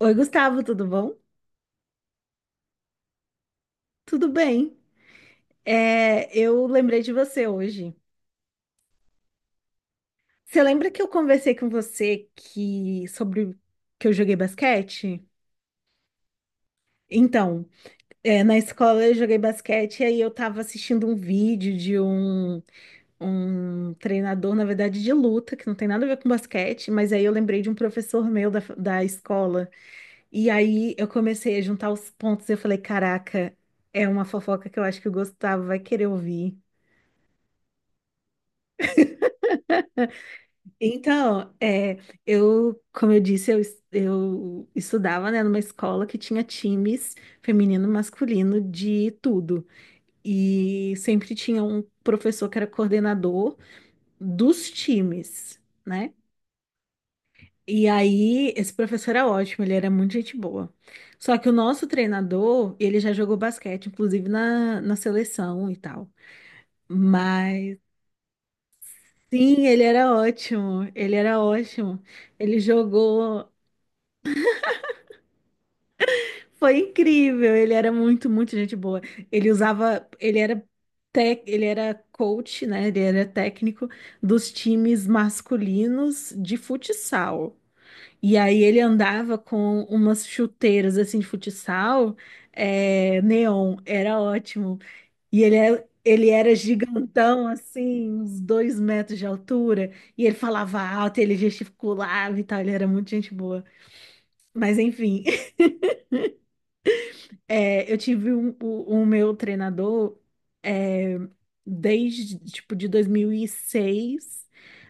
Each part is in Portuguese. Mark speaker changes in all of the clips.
Speaker 1: Oi, Gustavo, tudo bom? Tudo bem. Eu lembrei de você hoje. Você lembra que eu conversei com você que sobre que eu joguei basquete? Então, na escola eu joguei basquete e aí eu tava assistindo um vídeo de um treinador, na verdade, de luta, que não tem nada a ver com basquete, mas aí eu lembrei de um professor meu da escola. E aí eu comecei a juntar os pontos e eu falei, caraca, é uma fofoca que eu acho que o Gustavo vai querer ouvir. Então, eu, como eu disse, eu estudava, né, numa escola que tinha times feminino e masculino de tudo. E sempre tinha um professor que era coordenador dos times, né? E aí, esse professor era ótimo, ele era muito gente boa. Só que o nosso treinador, ele já jogou basquete, inclusive na seleção e tal. Mas, sim, ele era ótimo, ele era ótimo. Ele jogou. Foi incrível, ele era muito, muito gente boa. Ele usava, ele era ele era coach, né? Ele era técnico dos times masculinos de futsal. E aí ele andava com umas chuteiras assim de futsal, neon, era ótimo. E ele era gigantão, assim, uns 2 metros de altura, e ele falava alto, ele gesticulava e tal, ele era muito gente boa. Mas enfim, eu tive o meu treinador é, desde, tipo, de 2006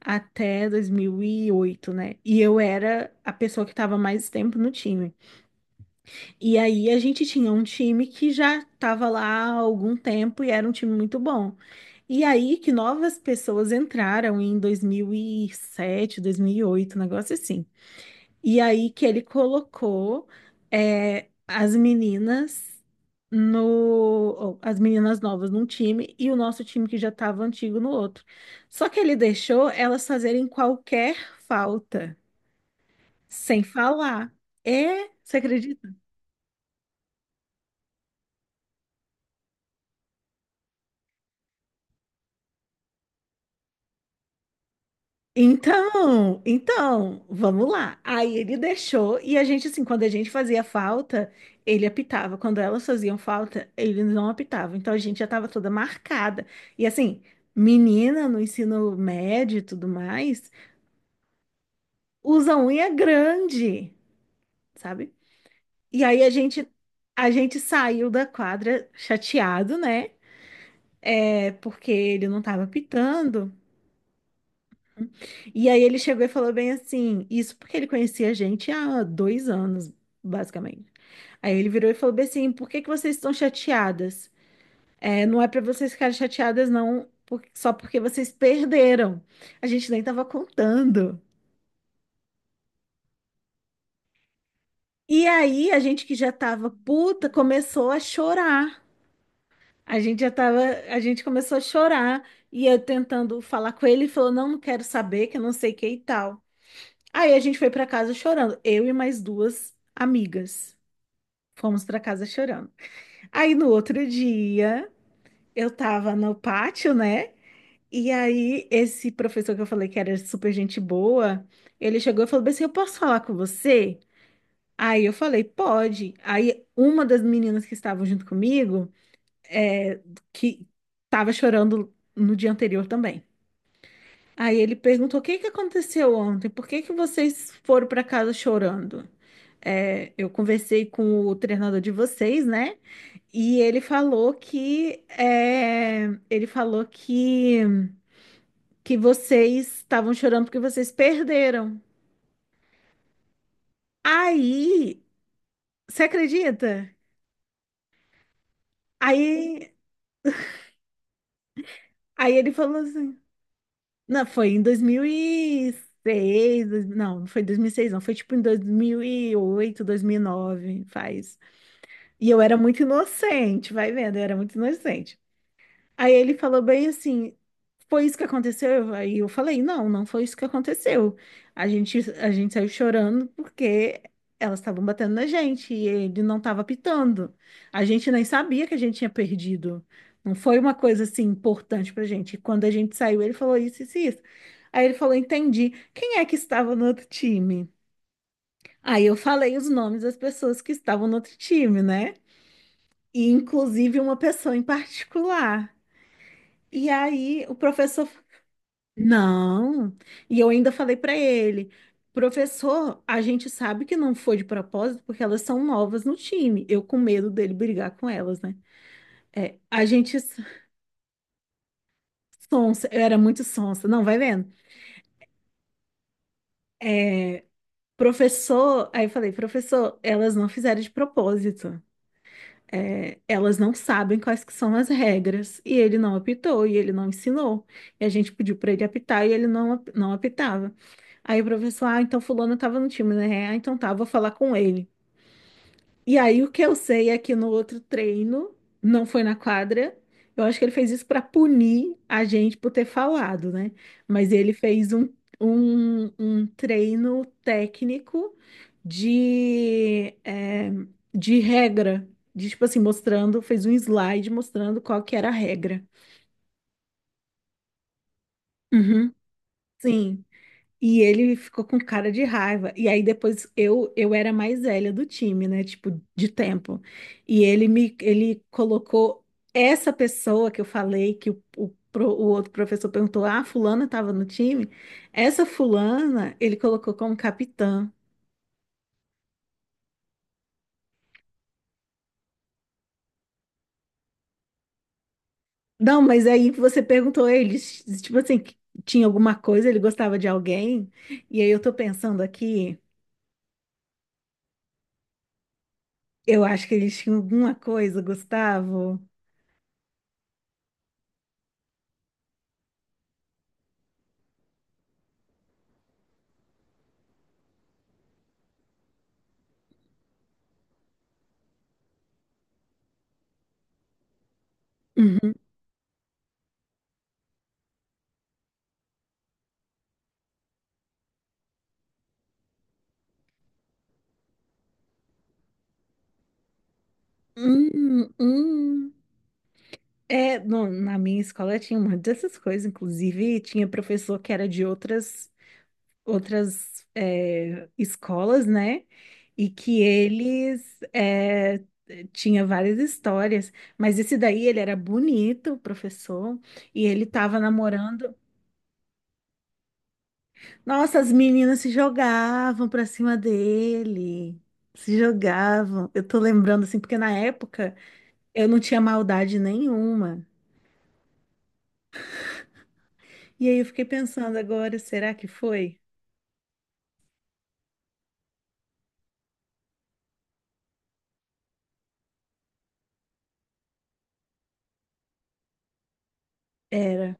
Speaker 1: até 2008, né? E eu era a pessoa que estava mais tempo no time. E aí a gente tinha um time que já estava lá há algum tempo e era um time muito bom. E aí que novas pessoas entraram em 2007, 2008, um negócio assim. E aí que ele colocou é, as meninas no ou, as meninas novas num time e o nosso time que já estava antigo no outro. Só que ele deixou elas fazerem qualquer falta, sem falar. Você acredita? Então, vamos lá. Aí ele deixou e a gente, assim, quando a gente fazia falta, ele apitava. Quando elas faziam falta, ele não apitava. Então a gente já tava toda marcada. E assim, menina no ensino médio e tudo mais, usa unha é grande, sabe? E aí a gente saiu da quadra chateado, né? Porque ele não tava apitando. E aí ele chegou e falou bem assim, isso porque ele conhecia a gente há 2 anos, basicamente. Aí ele virou e falou bem assim, por que que vocês estão chateadas? Não é pra vocês ficarem chateadas, não, só porque vocês perderam. A gente nem tava contando. E aí a gente que já tava puta começou a chorar. A gente já tava, a gente começou a chorar e eu tentando falar com ele, ele falou, não, não quero saber, que eu não sei o que e tal. Aí a gente foi pra casa chorando, eu e mais duas amigas. Fomos para casa chorando. Aí no outro dia, eu tava no pátio, né? E aí esse professor que eu falei que era super gente boa, ele chegou e falou bem assim, eu posso falar com você? Aí eu falei, pode. Aí uma das meninas que estavam junto comigo, que tava chorando no dia anterior também. Aí ele perguntou: O que que aconteceu ontem? Por que que vocês foram para casa chorando? Eu conversei com o treinador de vocês, né? E ele falou que ele falou que vocês estavam chorando porque vocês perderam. Aí, você acredita? Aí, aí, ele falou assim: Não, foi em 2006, não, não foi em 2006, não, foi tipo em dois mil e oito, 2009, faz. E eu era muito inocente, vai vendo, eu era muito inocente. Aí ele falou bem assim, foi isso que aconteceu? Aí eu falei, não, não foi isso que aconteceu. A gente saiu chorando porque elas estavam batendo na gente e ele não estava pitando. A gente nem sabia que a gente tinha perdido. Não foi uma coisa assim importante pra gente. E quando a gente saiu, ele falou isso, isso, e isso. Aí ele falou, entendi. Quem é que estava no outro time? Aí eu falei os nomes das pessoas que estavam no outro time, né? E inclusive uma pessoa em particular. E aí o professor, não. E eu ainda falei para ele, professor, a gente sabe que não foi de propósito porque elas são novas no time. Eu com medo dele brigar com elas, né? É, a gente sonsa, eu era muito sonsa. Não, vai vendo. Professor, aí eu falei, professor, elas não fizeram de propósito. Elas não sabem quais que são as regras, e ele não apitou, e ele não ensinou. E a gente pediu para ele apitar e ele não, não apitava. Aí o professor, ah, então fulano estava no time, né? Ah, então tá, vou falar com ele. E aí o que eu sei é que no outro treino, não foi na quadra, eu acho que ele fez isso para punir a gente por ter falado, né? Mas ele fez um treino técnico de, é, de regra, de, tipo assim, mostrando, fez um slide mostrando qual que era a regra. Uhum. Sim. E ele ficou com cara de raiva. E aí depois eu era mais velha do time, né? Tipo, de tempo. E ele colocou essa pessoa que eu falei que o outro professor perguntou: "Ah, fulana tava no time?" Essa fulana, ele colocou como capitã. Não, mas aí você perguntou a ele, tipo assim, que tinha alguma coisa, ele gostava de alguém? E aí eu tô pensando aqui, eu acho que eles tinham alguma coisa, Gustavo. Uhum. Hum, hum. Na minha escola tinha uma dessas coisas, inclusive tinha professor que era de outras escolas, né? E que eles tinha várias histórias, mas esse daí ele era bonito, o professor, e ele tava namorando. Nossa, as meninas se jogavam pra cima dele, se jogavam. Eu tô lembrando assim, porque na época eu não tinha maldade nenhuma. E aí eu fiquei pensando agora, será que foi? Era.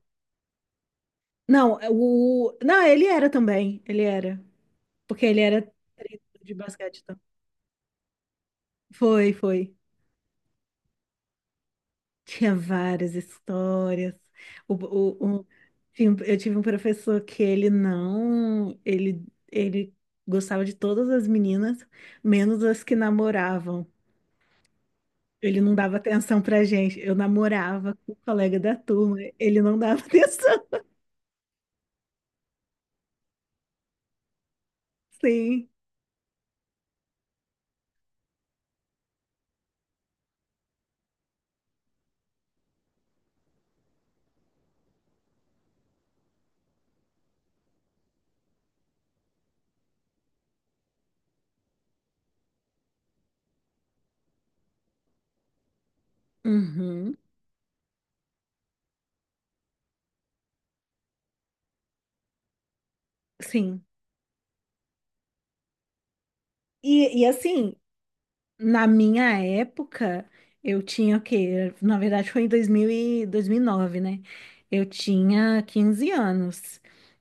Speaker 1: Não, é, o. Não, ele era também. Ele era. Porque ele era treinador de basquete. Então. Foi, foi. Tinha várias histórias. O, o, o- Eu tive um professor que ele não. Ele gostava de todas as meninas, menos as que namoravam. Ele não dava atenção pra gente. Eu namorava com o colega da turma. Ele não dava atenção. Sim. Uhum. Sim. E assim. Na minha época, eu tinha o quê? Na verdade, foi em dois mil e nove, né? Eu tinha 15 anos.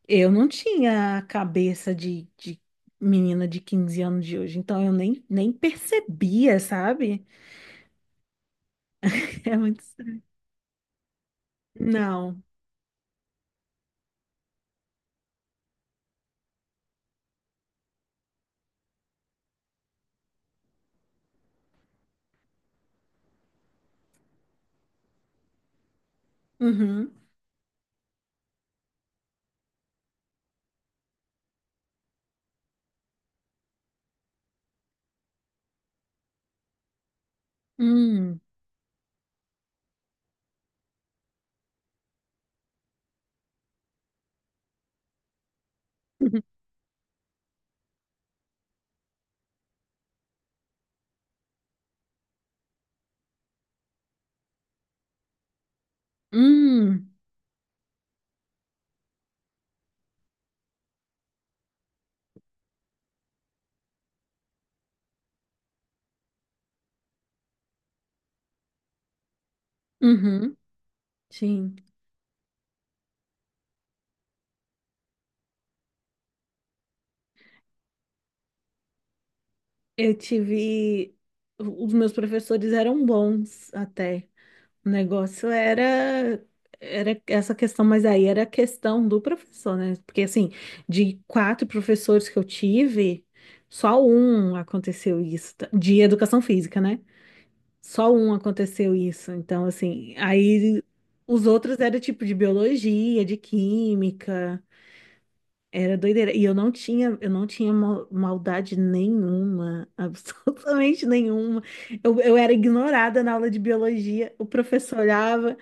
Speaker 1: Eu não tinha a cabeça de menina de 15 anos de hoje, então eu nem percebia, sabe? É muito estranho. Não. Uhum. Hum. Uhum. Hum. Uhum. Sim. Eu tive. Os meus professores eram bons até. O negócio era essa questão, mas aí era a questão do professor, né? Porque, assim, de quatro professores que eu tive, só um aconteceu isso, tá? De educação física, né? Só um aconteceu isso. Então, assim, aí os outros era tipo de biologia, de química, era doideira. E eu não tinha maldade nenhuma, absolutamente nenhuma. Eu era ignorada na aula de biologia. O professor olhava.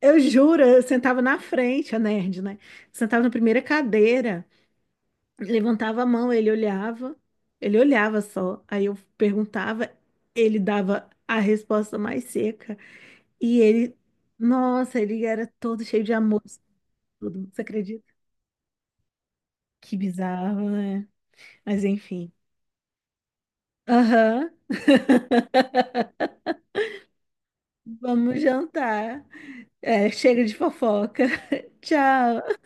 Speaker 1: Eu juro, eu sentava na frente, a nerd, né? Sentava na primeira cadeira, levantava a mão, ele olhava só. Aí eu perguntava, ele dava a resposta mais seca. E ele, nossa, ele era todo cheio de amor, tudo. Você acredita? Que bizarro, né? Mas enfim. Aham. Vamos jantar. É, chega de fofoca. Tchau.